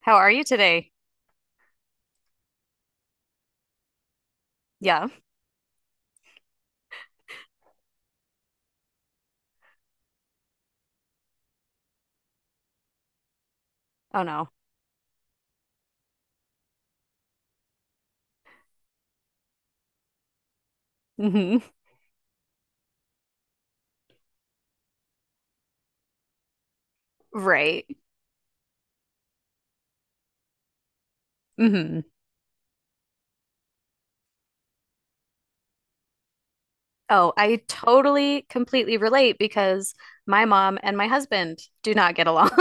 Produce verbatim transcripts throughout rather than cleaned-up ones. How are you today? Yeah. Oh no. Hmm. Right. Hmm. Oh, I totally completely relate because my mom and my husband do not get along.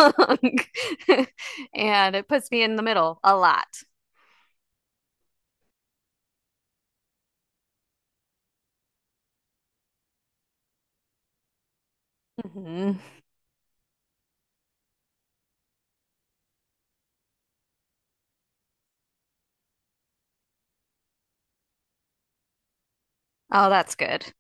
And it puts me in the middle a lot. Hmm. Oh, that's good.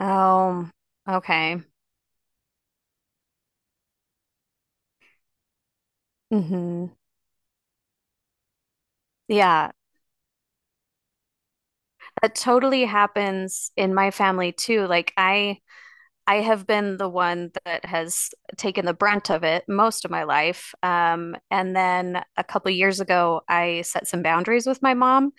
Oh, okay. Hmm. Yeah. That totally happens in my family too. Like I I have been the one that has taken the brunt of it most of my life. Um, and then a couple of years ago, I set some boundaries with my mom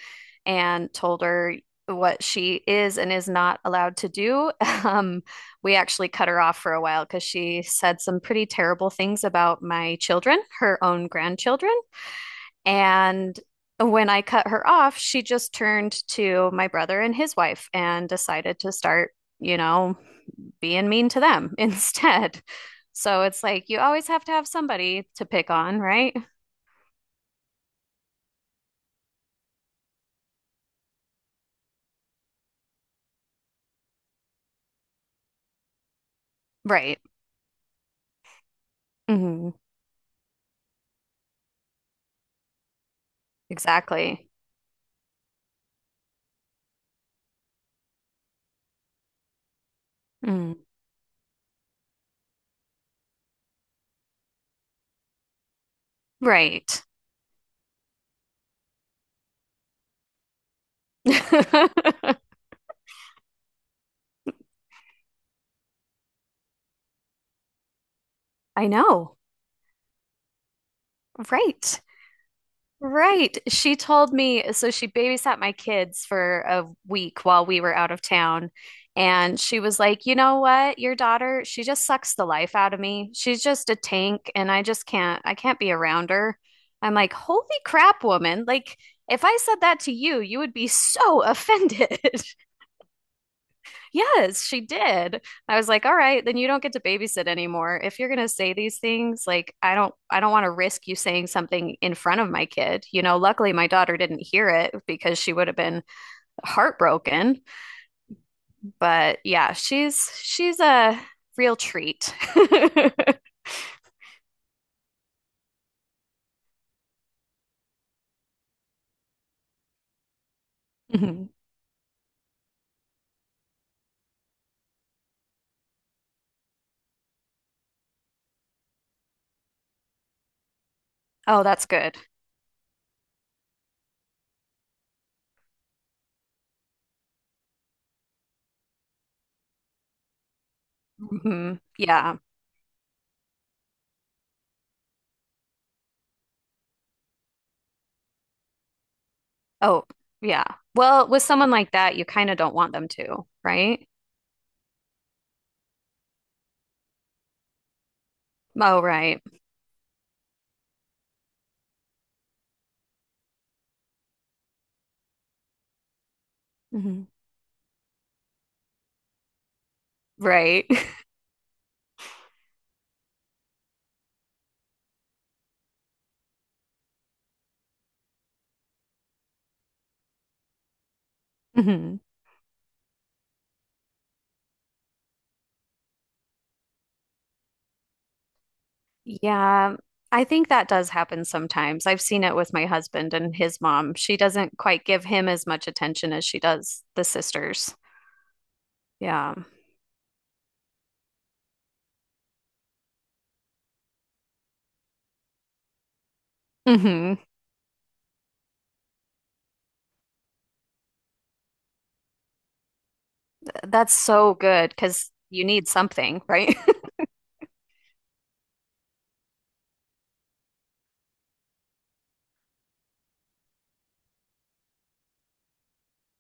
and told her what she is and is not allowed to do. Um, we actually cut her off for a while because she said some pretty terrible things about my children, her own grandchildren. And when I cut her off, she just turned to my brother and his wife and decided to start, you know, being mean to them instead. So it's like you always have to have somebody to pick on, right? Right. Hmm. Exactly. Mm. Right. I know. Right. Right. She told me, so she babysat my kids for a week while we were out of town. And she was like, you know what? Your daughter, she just sucks the life out of me. She's just a tank, and I just can't, I can't be around her. I'm like, holy crap, woman. Like, if I said that to you, you would be so offended. Yes, she did. I was like, all right, then you don't get to babysit anymore. If you're gonna say these things, like I don't I don't want to risk you saying something in front of my kid. You know, luckily my daughter didn't hear it because she would have been heartbroken. But yeah, she's she's a real treat. Mhm. Oh, that's good. Hmm. Yeah. Oh, yeah. Well, with someone like that, you kind of don't want them to, right? Oh, right. Hmm. Right. Mhm. Yeah, I think that does happen sometimes. I've seen it with my husband and his mom. She doesn't quite give him as much attention as she does the sisters. Yeah. Hmm. That's so good because you need something, right?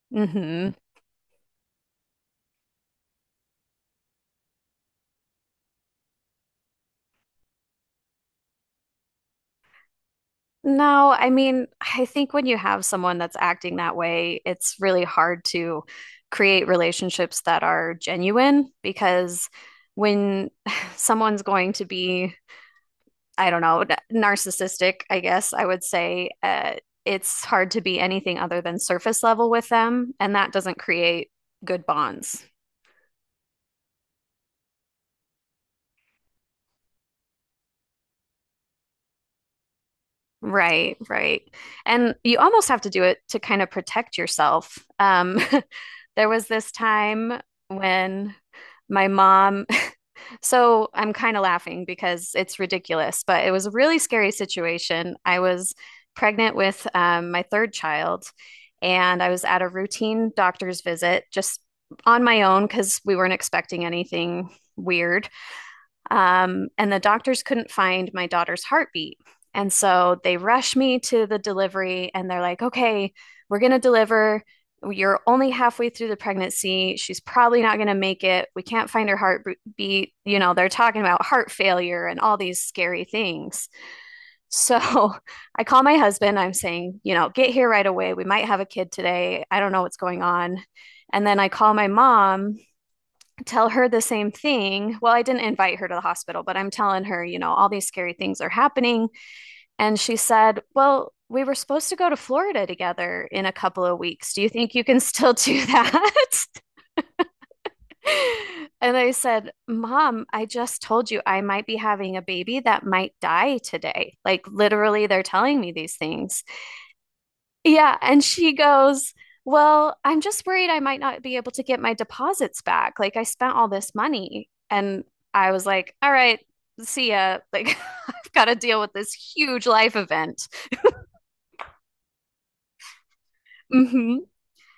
Hmm. No, I mean, I think when you have someone that's acting that way, it's really hard to create relationships that are genuine because when someone's going to be I don't know, narcissistic, I guess I would say. Uh, it's hard to be anything other than surface level with them, and that doesn't create good bonds. Right, right. And you almost have to do it to kind of protect yourself. Um, there was this time when my mom so I'm kind of laughing because it's ridiculous, but it was a really scary situation. I was pregnant with um, my third child, and I was at a routine doctor's visit just on my own because we weren't expecting anything weird. Um, and the doctors couldn't find my daughter's heartbeat. And so they rush me to the delivery and they're like, okay, we're going to deliver. You're only halfway through the pregnancy. She's probably not going to make it. We can't find her heartbeat. You know, they're talking about heart failure and all these scary things. So I call my husband. I'm saying, you know, get here right away. We might have a kid today. I don't know what's going on. And then I call my mom tell her the same thing. Well, I didn't invite her to the hospital, but I'm telling her, you know, all these scary things are happening. And she said, well, we were supposed to go to Florida together in a couple of weeks. Do you think you can still do that? And I said, Mom, I just told you I might be having a baby that might die today. Like, literally, they're telling me these things. Yeah, and she goes, "Well, I'm just worried I might not be able to get my deposits back. Like I spent all this money." And I was like, "All right, see ya. Like I've got to deal with this huge life event." Hmm.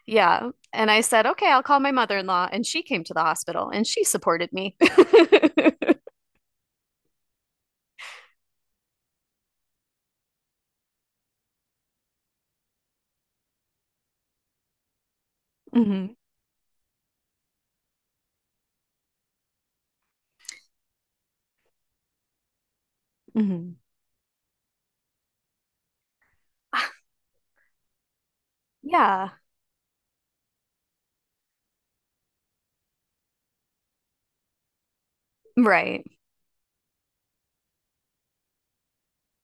Yeah. And I said, "Okay, I'll call my mother-in-law." And she came to the hospital and she supported me. Hmm. Hmm. Yeah, right.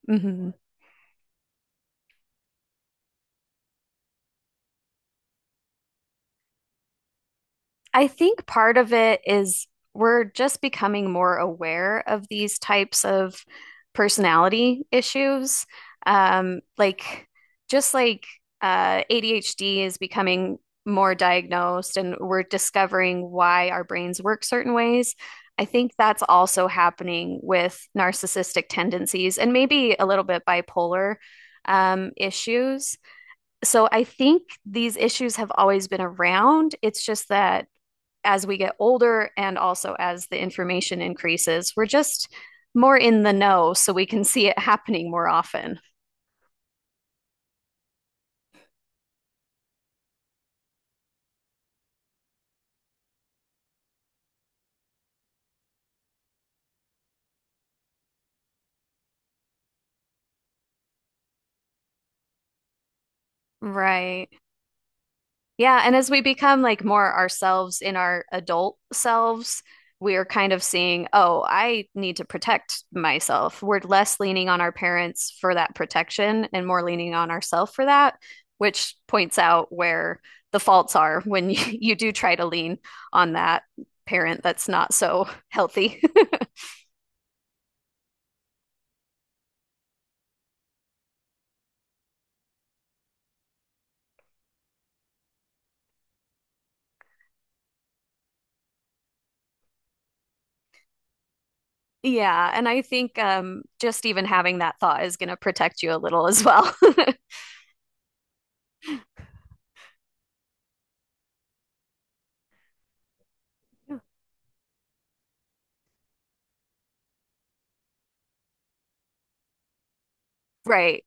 Hmm. I think part of it is we're just becoming more aware of these types of personality issues. Um, like, just like uh, A D H D is becoming more diagnosed and we're discovering why our brains work certain ways. I think that's also happening with narcissistic tendencies and maybe a little bit bipolar um, issues. So I think these issues have always been around. It's just that as we get older and also as the information increases, we're just more in the know so we can see it happening more often. Right. Yeah. And as we become like more ourselves in our adult selves, we are kind of seeing, oh, I need to protect myself. We're less leaning on our parents for that protection and more leaning on ourselves for that, which points out where the faults are when you, you do try to lean on that parent that's not so healthy. Yeah, and I think um just even having that thought is going to protect you a little as well. Right.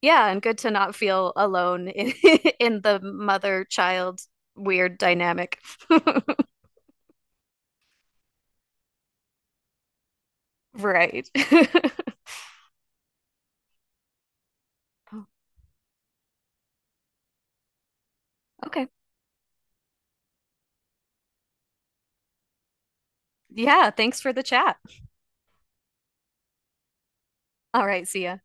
Yeah, and good to not feel alone in, in the mother-child weird dynamic. Right. Okay. Yeah, thanks for the chat. All right, see ya.